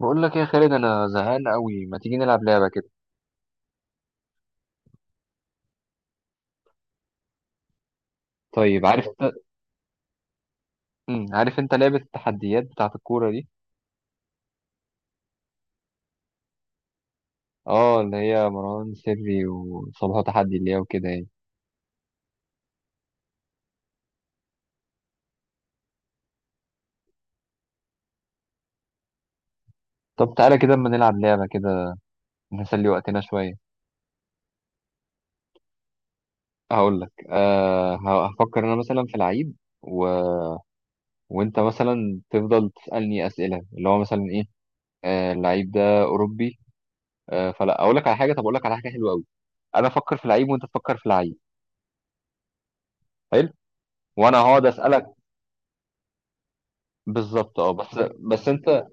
بقول لك إيه يا خالد، انا زهقان قوي، ما تيجي نلعب لعبه كده؟ طيب عارف؟ يلا انت. عارف انت لعبه التحديات بتاعه الكوره دي؟ اه، اللي هي مروان سري وصلاح تحدي، اللي هي وكده يعني. طب تعالى كده اما نلعب لعبه كده، نسلي وقتنا شويه. هقول لك. هفكر انا مثلا في لعيب و... وانت مثلا تفضل تسالني اسئله، اللي هو مثلا ايه؟ اللعيب ده اوروبي؟ فلا اقول لك على حاجه، طب اقول لك على حاجه حلوه قوي. انا افكر في لعيب وانت تفكر في لعيب. حلو. وانا هقعد اسالك. بالظبط، اه، بس انت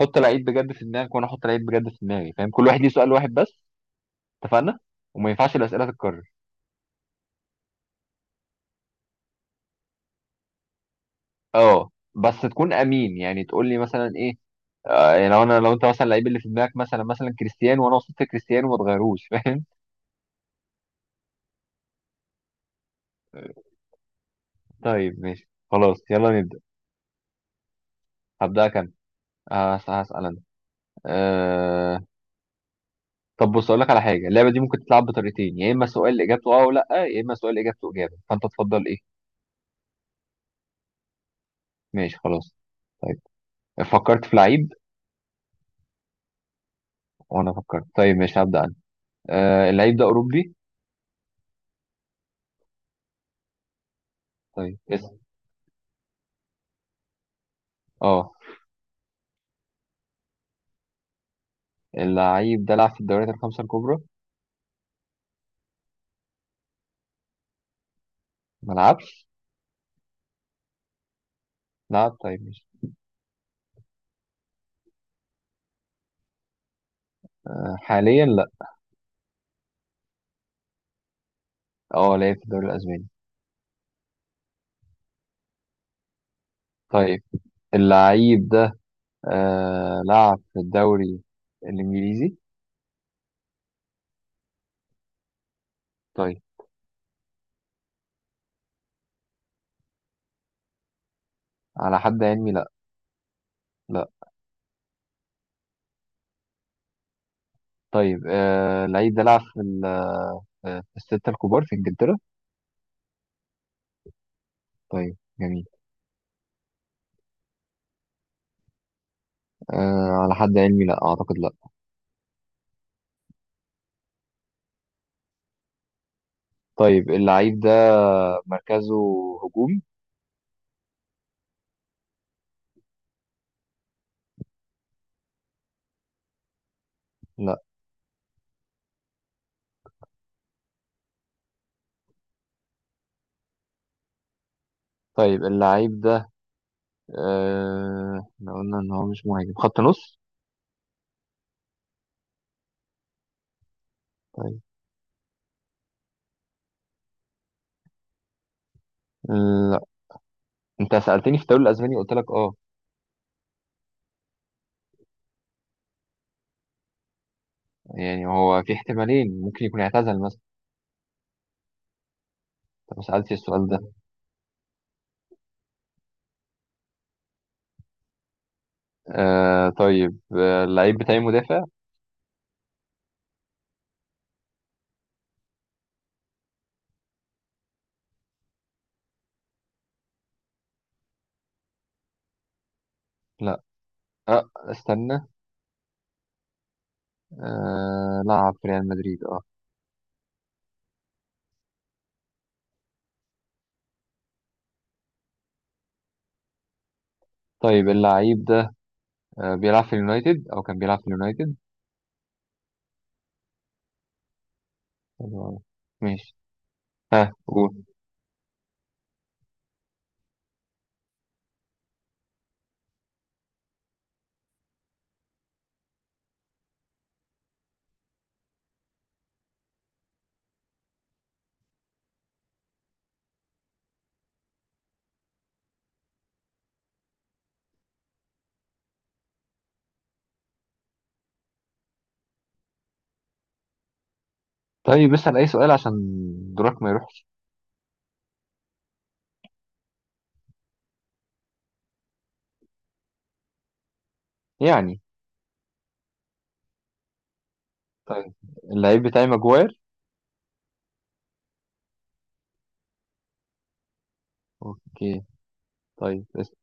حط العيد بجد في دماغك وانا احط العيد بجد في دماغي، فاهم؟ كل واحد ليه سؤال واحد بس. اتفقنا؟ وما ينفعش الاسئله تتكرر. اه. بس تكون امين، يعني تقول لي مثلا ايه. آه، يعني لو انت مثلا اللعيب اللي في دماغك مثلا كريستيانو، وانا وصلت كريستيانو ما تغيروش فاهم؟ طيب ماشي خلاص يلا نبدا. هبدا كام؟ هسال انا. أه... طب بص اقول لك على حاجه، اللعبه دي ممكن تتلعب بطريقتين، يا اما سؤال اجابته اه ولا لا، يا اما سؤال اجابته اجابه، فانت تفضل ايه؟ ماشي خلاص. طيب. فكرت في لعيب. وانا فكرت. طيب مش هبدأ انا. آه، اللعيب ده اوروبي. طيب اسم. اه. اللعيب ده لعب في الدوريات الخمسة الكبرى؟ ما لعبش؟ لعب. طيب مش. آه، حاليا لا. اه، لعب في الدوري الاسباني. طيب. اللعيب ده، آه، لعب في الدوري الانجليزي. طيب. على حد علمي لا. لا. طيب، آه، اللعيب ده لعب في آه، في الستة الكبار في انجلترا. طيب جميل. آه، على حد علمي لا اعتقد، لا. طيب اللعيب ده مركزه هجوم؟ لا. طيب اللعيب ده، احنا قلنا ان هو مش مهاجم خط نص. طيب. لا. انت سألتني في الدوري الاسباني قلت لك اه، يعني هو في احتمالين، ممكن يكون اعتزل مثلا. انت ما سألتش السؤال ده. طيب اللعيب بتاعي مدافع. لا. استنى. لعب في ريال مدريد، اه. طيب اللعيب ده، بيلعب في اليونايتد او كان بيلعب في اليونايتد. حلو أوي. ماشي. ها قول. طيب اسأل اي سؤال عشان دورك ما يروحش، يعني. طيب اللعيب بتاعي ماجواير. اوكي طيب اسأل.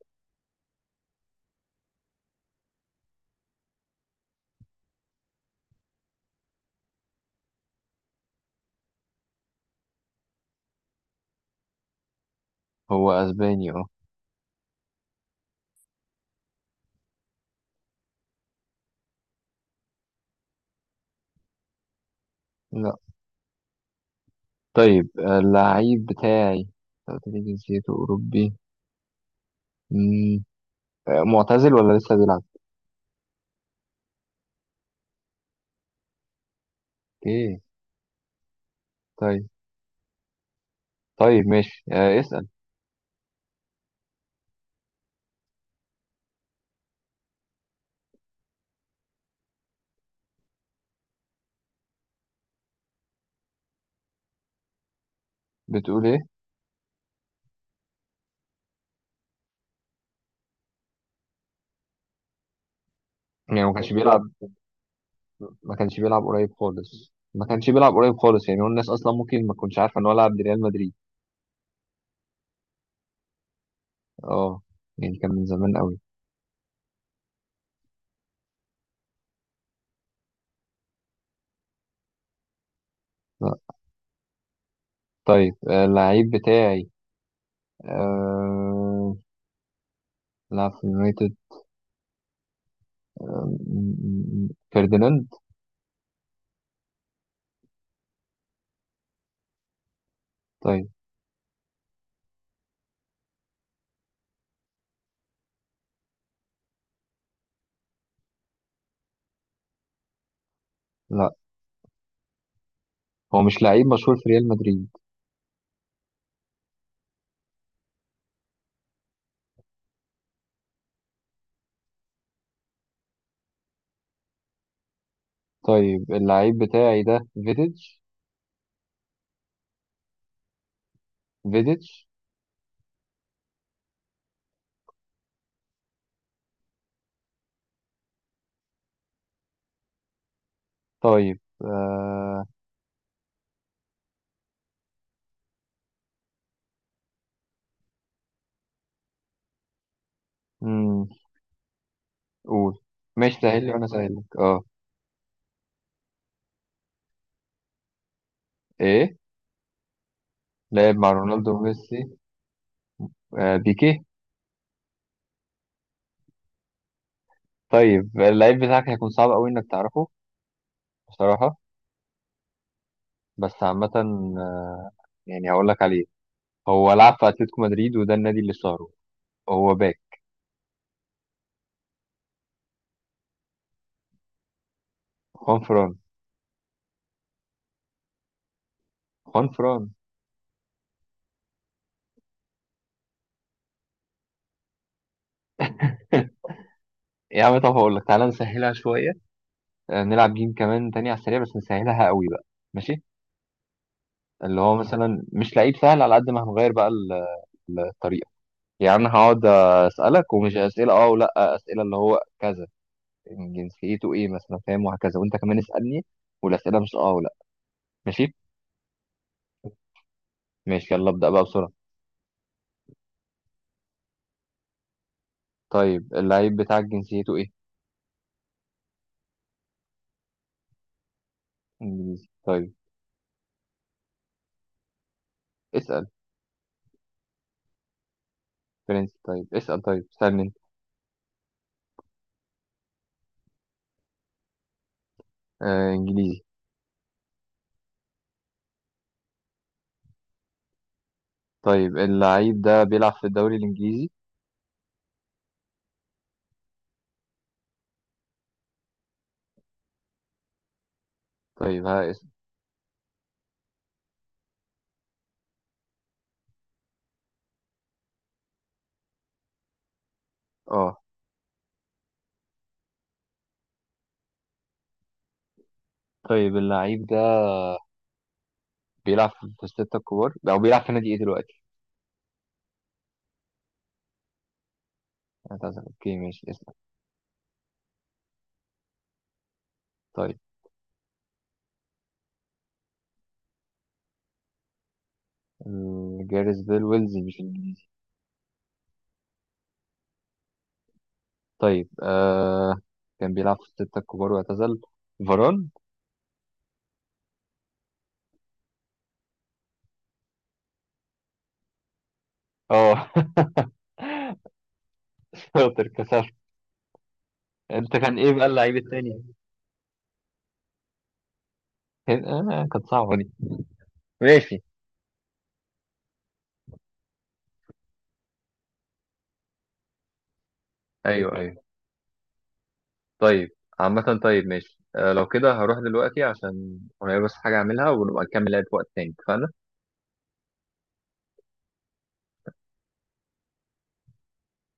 هو اسباني، اه. لا. طيب، آه، اللعيب بتاعي، أنت قلت لي جنسيته اوروبي. مم. آه، معتزل ولا لسه بيلعب؟ اوكي. طيب. طيب ماشي، آه، اسأل. بتقول ايه؟ يعني ما كانش بيلعب. ما كانش بيلعب قريب خالص، ما كانش بيلعب قريب خالص، يعني هو الناس اصلا ممكن ما تكونش عارفه ان هو لعب لريال مدريد. اه. يعني كان من زمان قوي. لا. طيب، آه، اللعيب بتاعي، آه... لعب في يونايتد. آه، م- فرديناند. طيب. لا. هو مش لعيب مشهور في ريال مدريد. طيب اللعيب بتاعي ده فيديتش. فيديتش. طيب، مم. قول. ماشي سهل لي وانا سهل لك، اه. ايه؟ لعب مع رونالدو وميسي. آه، بيكيه. طيب اللعيب بتاعك هيكون صعب قوي انك تعرفه، بصراحة، بس عامة. آه، يعني هقول لك عليه. هو لعب في اتلتيكو مدريد، وده النادي اللي اشتهره. هو باك. خوان فران. خوان فران. يا عم، طب هقول لك، تعالى نسهلها شوية. آه، نلعب جيم كمان تاني على السريع بس نسهلها قوي بقى. ماشي. اللي هو مثلا مش لعيب سهل، على قد ما هنغير بقى الطريقه. يعني انا هقعد اسالك، ومش اسئله اه ولا، اسئله اللي هو كذا. يعني جنسيته ايه مثلا، فاهم؟ وهكذا. وانت كمان اسالني، والاسئله مش اه ولا. ماشي. ماشي يلا ابدا بقى بسرعه. طيب اللعيب بتاعك جنسيته ايه؟ انجليزي طيب. اسال. فرنسي طيب. اسال. طيب اسالني انت. آه، انجليزي. طيب اللعيب ده بيلعب في الدوري الانجليزي؟ طيب ها اسال. اه. طيب اللعيب ده بيلعب في الستة الكبار او بيلعب في نادي ايه دلوقتي؟ هتعزل. اوكي ماشي. طيب جاريث بيل ويلزي مش انجليزي. طيب، آه، كان بيلعب في الستة الكبار واعتزل. فاران؟ اه شاطر، كسبت. انت كان ايه بقى اللعيب التاني؟ كان، آه، كانت صعبة دي. ماشي. ايوه ايوه. طيب. عامة طيب ماشي، آه، لو كده هروح دلوقتي عشان ورايا بس حاجة اعملها، ونبقى نكمل لعب في وقت تاني، اتفقنا؟